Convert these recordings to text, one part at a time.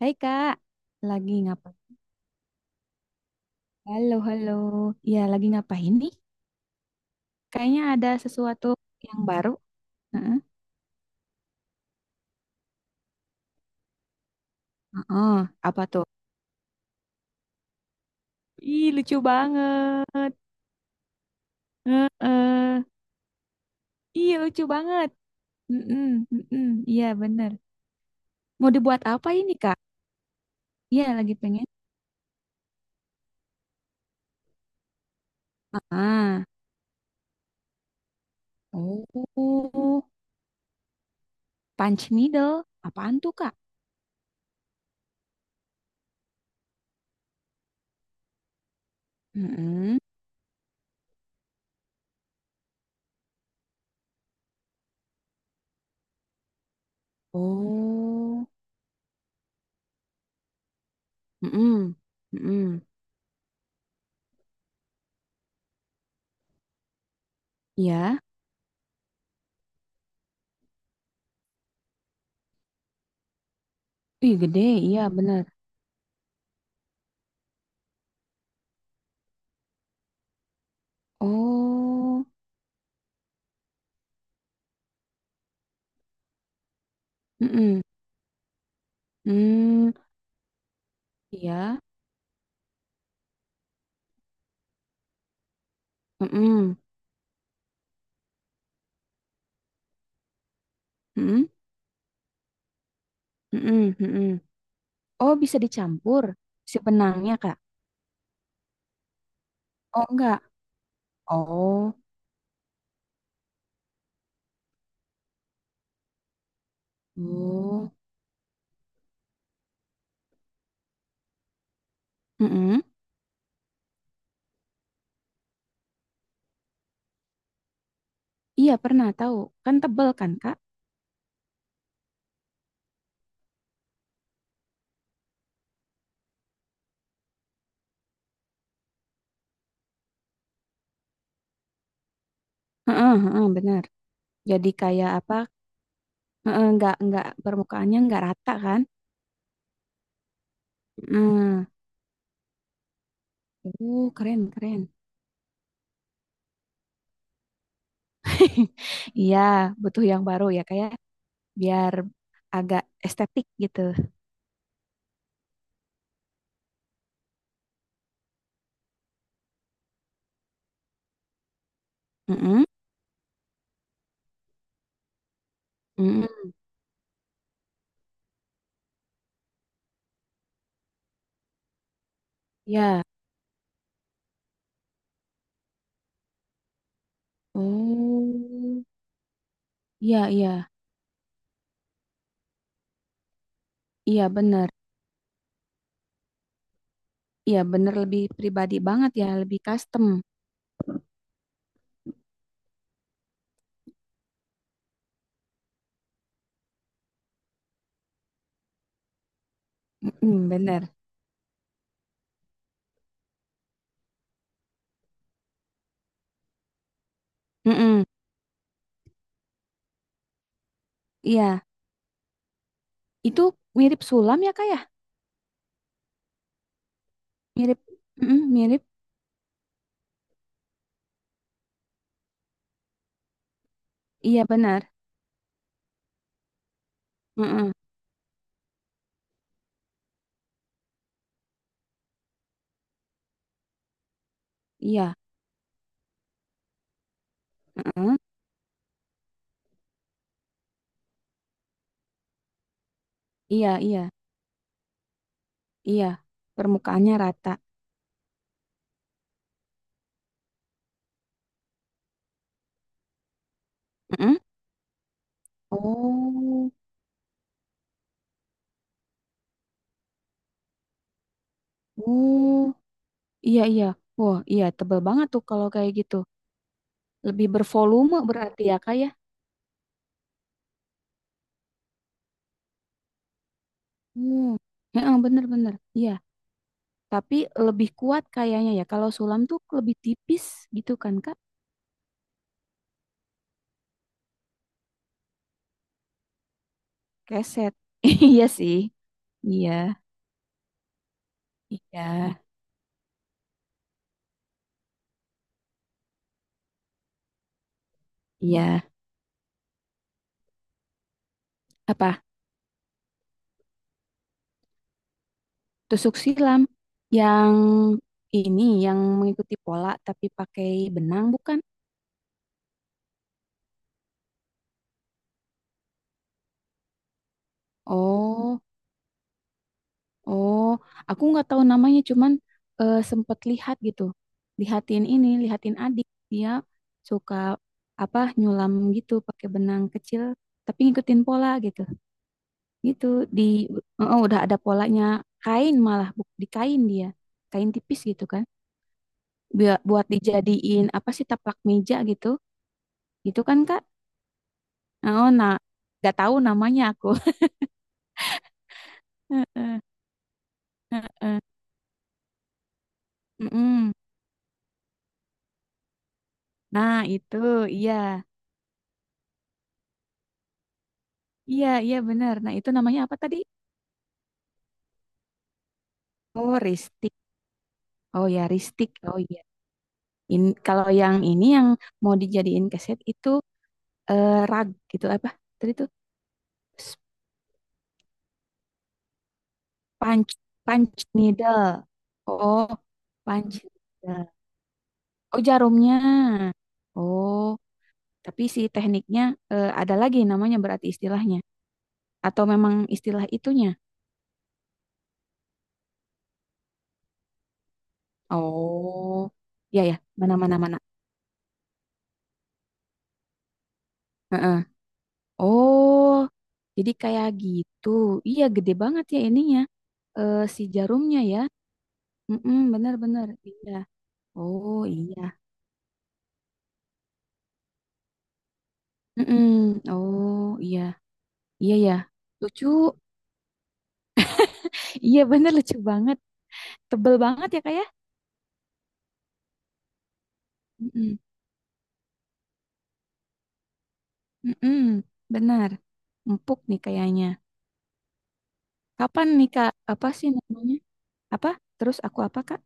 Hai Kak, lagi ngapain? Halo, halo. Ya, lagi ngapain nih? Kayaknya ada sesuatu yang baru. Heeh. Heeh, apa tuh? Ih, lucu banget. Heeh. Ih, lucu banget. Mm-mm, mm-mm. Iya, bener. Mau dibuat apa ini, Kak? Iya, lagi pengen. Ah, oh, punch needle. Apaan tuh, Kak? Mm-mm. Oh, mm-mm, mm-mm. Iya. Ih, gede. Iya, bener. Oh. Mm-mm. Hmm, iya. Mm-mm. Mm-mm. Mm-mm. Mm-mm. Oh, bisa dicampur si benangnya, Kak. Oh, enggak. Oh. Oh. Mm-mm. Iya, pernah tahu. Kan tebel kan, Kak? Heeh, heeh, benar. Jadi kayak apa? Heeh, enggak permukaannya enggak rata kan? Heeh. Keren, keren. Iya, butuh yang baru ya, kayak biar agak estetik gitu. Mm-mm. Mm-mm. Iya. Oh. Iya, iya, iya bener. Iya bener lebih pribadi banget ya, lebih custom. Mm-mm, bener. Mm-mm, iya, itu mirip sulam ya kak ya? Mirip, mm-mm, mirip. Iya benar. Mm-mm, iya, mm-mm, iya, iya, iya. Permukaannya rata. Mm-mm. Oh, oh, iya, iya. Wah, iya tebal banget tuh kalau kayak gitu. Lebih bervolume berarti ya kak ya? Hmm, heeh, bener-bener. Iya. Tapi lebih kuat kayaknya ya. Kalau sulam tuh lebih tipis gitu kan, Kak? Keset. Iya sih. Iya. Iya. Iya. Apa? Tusuk silam. Yang ini, yang mengikuti pola tapi pakai benang bukan? Oh, oh. Aku nggak tahu namanya, cuman sempet lihat gitu. Lihatin ini, lihatin adik. Dia suka apa nyulam gitu pakai benang kecil tapi ngikutin pola gitu. Gitu di oh udah ada polanya kain malah di kain dia kain tipis gitu kan. Buat dijadiin apa sih taplak meja gitu gitu kan Kak oh nah nggak tahu namanya aku. Heeh, mm-mm. Nah, itu iya. Iya, iya benar. Nah, itu namanya apa tadi? Oh, ristik. Oh ya, ristik. Oh iya. Kalau yang ini yang mau dijadiin keset itu rag gitu apa? Tadi tuh punch, punch needle. Oh, punch needle. Oh, jarumnya. Oh, tapi si tekniknya ada lagi namanya berarti istilahnya. Atau memang istilah itunya? Oh, ya ya, mana-mana mana. Mana, mana. Heeh. Oh, jadi kayak gitu. Iya, gede banget ya ininya. Eh, si jarumnya ya. Mm-mm, benar-benar. Iya. Oh, iya. Mm-mm. Oh, iya. Iya ya. Lucu. Iya bener lucu banget. Tebel banget ya, Kak ya? Mm-mm. Mm-mm. Benar. Empuk nih kayaknya. Kapan nih Kak? Apa sih namanya? Apa? Terus aku apa Kak?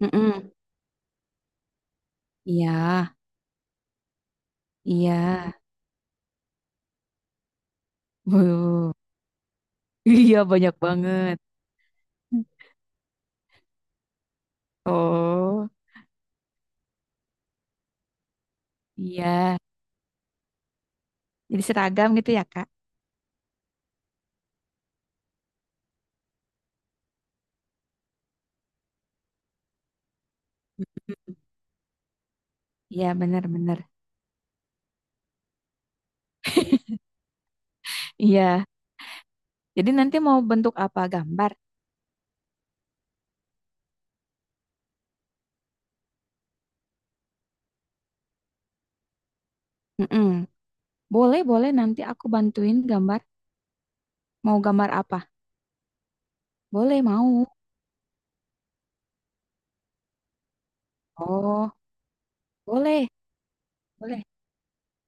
Mm-mm. Iya, iya. Wuh. Iya banyak banget. Oh, iya. Jadi seragam gitu ya Kak? Iya benar-benar. Iya. Jadi nanti mau bentuk apa gambar? Mm-mm. Boleh, boleh nanti aku bantuin gambar. Mau gambar apa? Boleh, mau. Oh, boleh, boleh.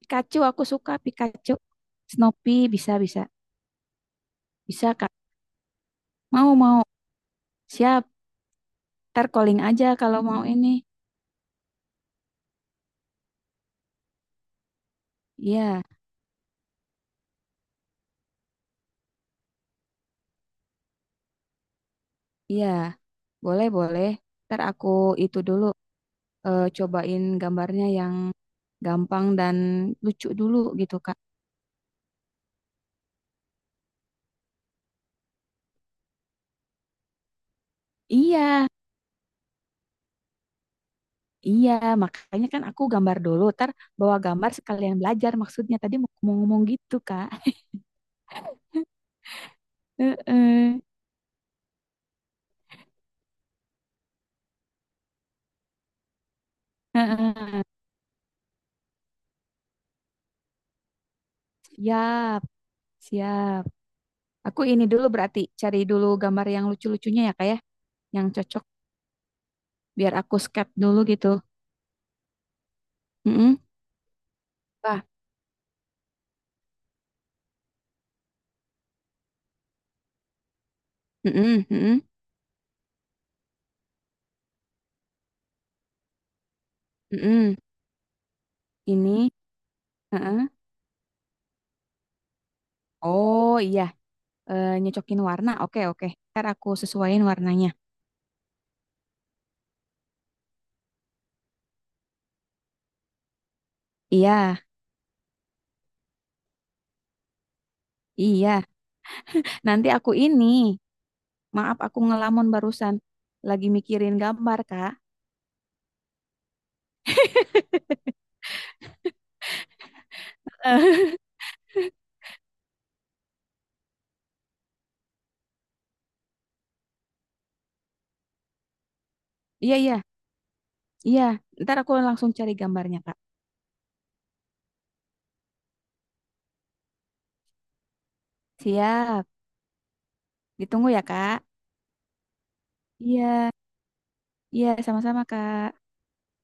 Pikachu aku suka Pikachu. Snoopy bisa bisa bisa Kak. Mau mau. Siap. Ntar calling aja kalau mau ini. Iya, iya. Boleh, boleh. Ntar aku itu dulu cobain gambarnya yang gampang dan lucu dulu gitu Kak. Iya, iya. Makanya kan aku gambar dulu. Ntar bawa gambar sekalian belajar maksudnya. Tadi mau ngomong -ngomong gitu Kak. Heeh. Heeh. Siap, siap. Aku ini dulu berarti cari dulu gambar yang lucu-lucunya ya kak ya, yang cocok biar aku sket dulu gitu. Mm-mm. Wah, mm-mm, mm-mm, mm-mm. Ini, mm-mm. Oh iya, eh, nyocokin warna. Oke oke, ntar aku sesuaiin warnanya. Iya iya. Nanti aku ini, maaf aku ngelamun barusan, lagi mikirin gambar kak. Iya iya iya. Ntar aku langsung cari gambarnya kak. Siap, ditunggu ya kak. Iya iya sama-sama kak.